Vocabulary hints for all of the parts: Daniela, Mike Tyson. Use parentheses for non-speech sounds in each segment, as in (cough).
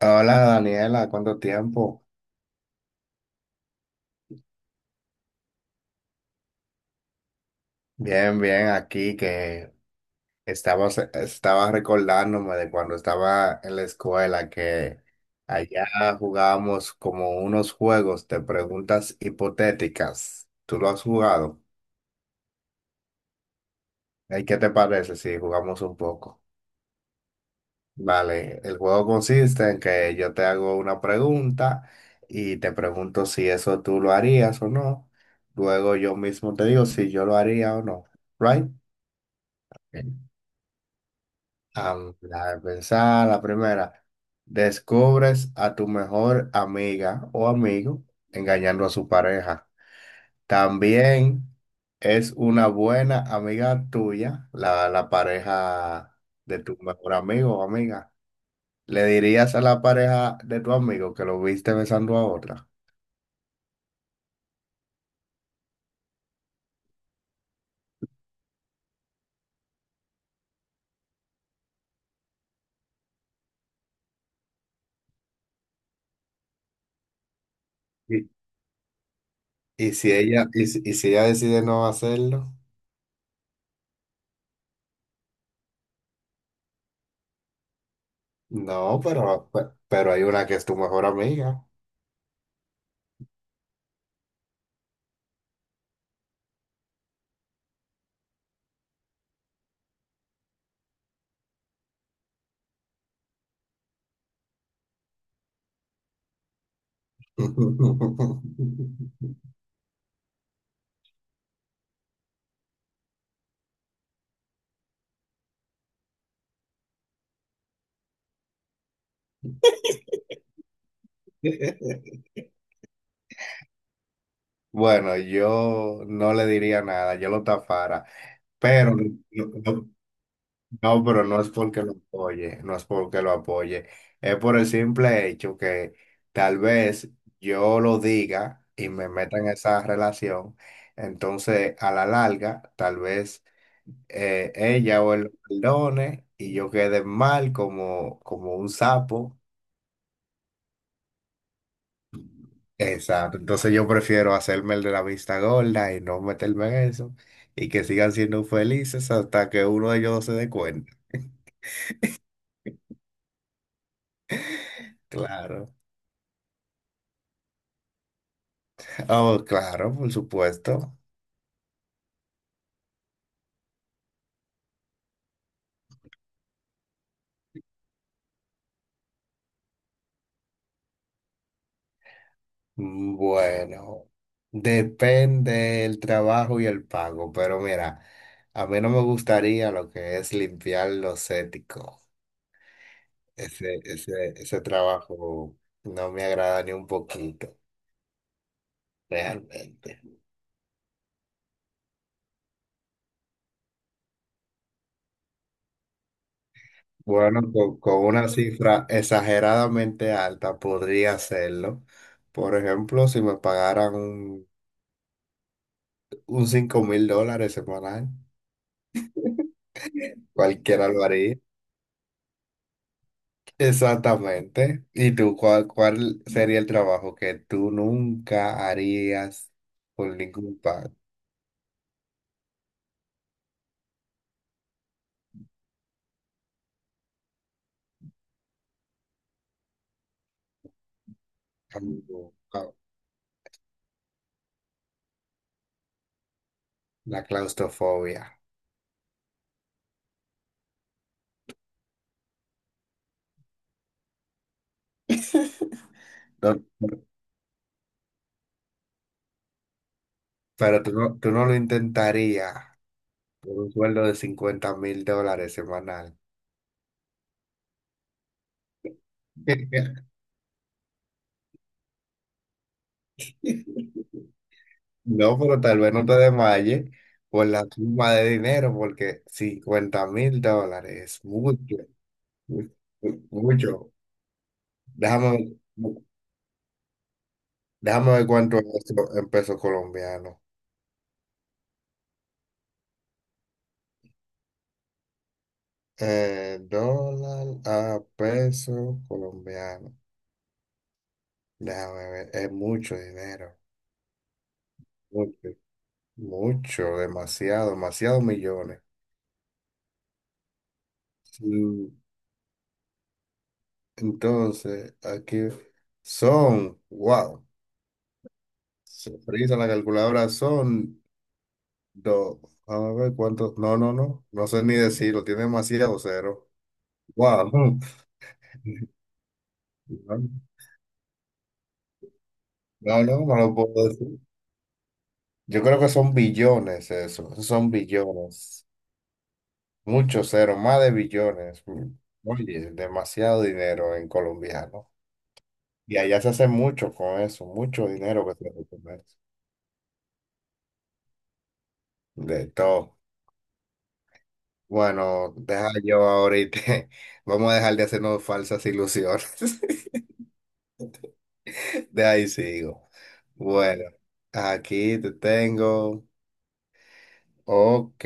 Hola Daniela, ¿cuánto tiempo? Bien, bien, aquí que estaba recordándome de cuando estaba en la escuela que allá jugábamos como unos juegos de preguntas hipotéticas. ¿Tú lo has jugado? ¿Y qué te parece si jugamos un poco? Vale, el juego consiste en que yo te hago una pregunta y te pregunto si eso tú lo harías o no. Luego yo mismo te digo si yo lo haría o no. ¿Right? La de pensar, la primera. Descubres a tu mejor amiga o amigo engañando a su pareja. También es una buena amiga tuya, la pareja de tu mejor amigo o amiga. ¿Le dirías a la pareja de tu amigo que lo viste besando a otra? Y, y si ella decide no hacerlo, no, pero, pero hay una que es tu mejor amiga. (laughs) Bueno, yo no le diría nada, yo lo tapara, pero no, no- no, pero no es porque lo apoye, no es porque lo apoye, es por el simple hecho que tal vez yo lo diga y me meta en esa relación, entonces a la larga tal vez ella o él lo perdone y yo quede mal como, como un sapo. Exacto, entonces yo prefiero hacerme el de la vista gorda y no meterme en eso y que sigan siendo felices hasta que uno de ellos no se dé cuenta. Claro. Oh, claro, por supuesto. Bueno, depende del trabajo y el pago, pero mira, a mí no me gustaría lo que es limpiar los éticos. Ese trabajo no me agrada ni un poquito, realmente. Bueno, con una cifra exageradamente alta podría hacerlo. Por ejemplo, si me pagaran un $5.000 semanal, cualquiera lo haría. Exactamente. ¿Y tú cuál sería el trabajo que tú nunca harías por ningún pago? Ah, la claustrofobia. No, pero tú no lo intentarías por un sueldo de $50.000 semanal. (laughs) No, pero tal vez no te desmayes por la suma de dinero, porque $50.000 es mucho, mu- mucho. Déjame, ver- Déjame ver cuánto es esto en pesos colombianos. Dólar a peso colombiano. Déjame ver, es mucho dinero. Mucho, mucho, demasiado, demasiados millones. Sí, entonces, aquí son, wow, se frisa la calculadora, son Do, a ver cuánto. No, no, no. No sé ni decirlo. Tiene demasiado cero. Wow. (laughs) No, no, no lo puedo decir. Yo creo que son billones eso. Esos Son billones. Muchos ceros, más de billones. Mm. Oye, demasiado dinero en colombiano. Y allá se hace mucho con eso, mucho dinero que se hace con eso. De todo. Bueno, deja yo ahorita. (laughs) Vamos a dejar de hacernos falsas ilusiones. (laughs) De ahí sigo. Bueno, aquí te tengo. Ok.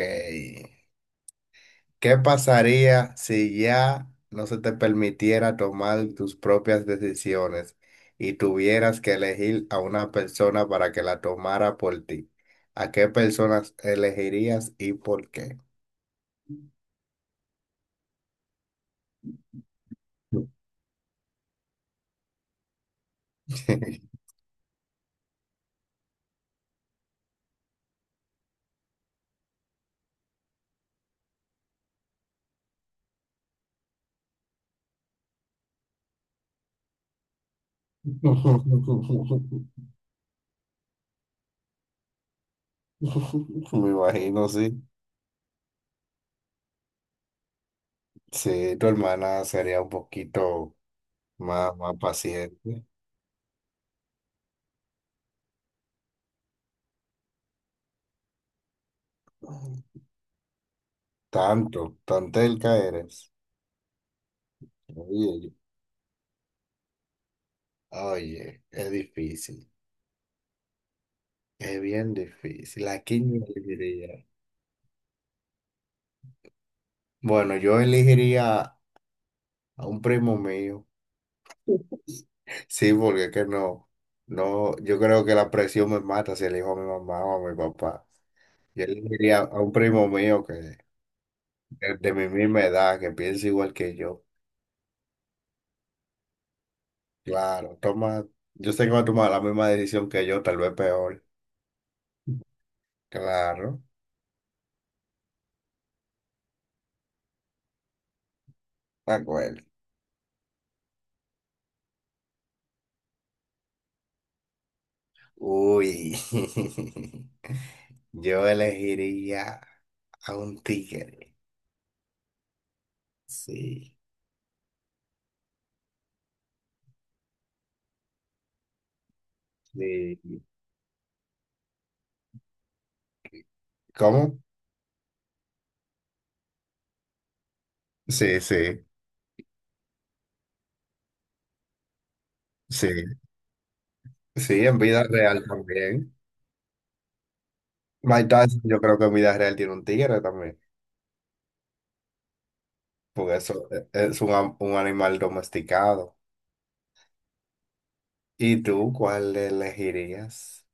¿Qué pasaría si ya no se te permitiera tomar tus propias decisiones y tuvieras que elegir a una persona para que la tomara por ti? ¿A qué personas elegirías y por qué? (laughs) Me imagino, sí. Sí, tu hermana sería un poquito más paciente. Tanto, tan telca eres. Oye, oye, es difícil, es bien difícil. ¿A quién yo elegiría? Bueno, yo elegiría a un primo mío. Sí, porque es que no, no, yo creo que la presión me mata si elijo a mi mamá o a mi papá. Yo elegiría a un primo mío de mi misma edad, que piensa igual que yo. Claro, toma, yo sé que va a tomar la misma decisión que yo, tal vez peor. Claro, de acuerdo. Uy, (laughs) yo elegiría a un tigre. Sí, sí. ¿Cómo? Sí, sí, sí. Sí, en vida real también. Mike Tyson, yo creo que en vida real tiene un tigre también, porque eso es un animal domesticado. ¿Y tú cuál elegirías?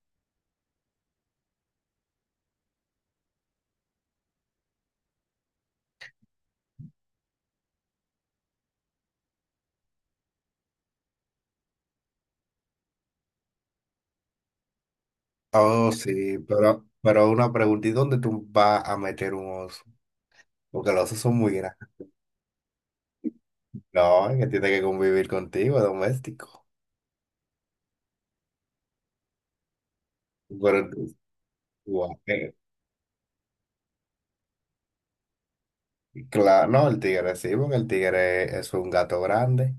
Oh, sí, pero una pregunta, ¿y dónde tú vas a meter un oso? Porque los osos son muy grandes. No, que tiene que convivir contigo, doméstico. Pero tú- tú- eh, claro, no, el tigre sí, porque el tigre es un gato grande.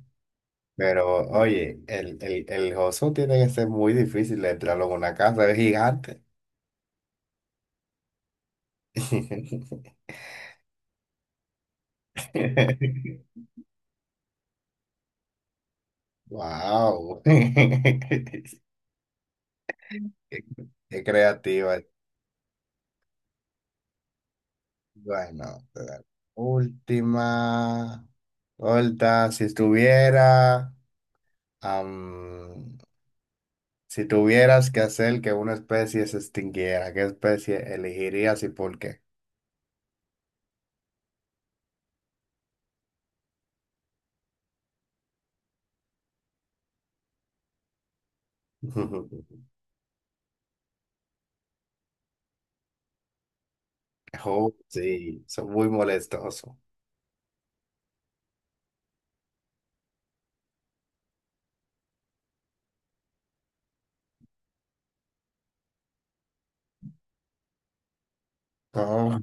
Pero oye, el oso tiene que ser muy difícil de entrarlo en una casa, es gigante. (laughs) Wow. (laughs) Qué creativa. Bueno, la última. Ahorita, si estuviera. Si tuvieras que hacer que una especie se extinguiera, ¿qué especie elegirías y por qué? (laughs) Oh, sí, son muy molestosos. Oh,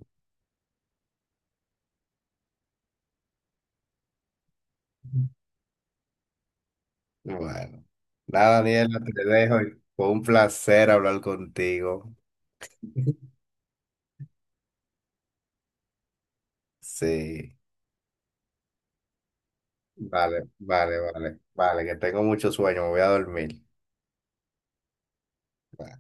bueno, nada, Daniela, te dejo. Fue un placer hablar contigo. (laughs) Sí, vale, vale, vale, vale, que tengo mucho sueño, me voy a dormir. Bye.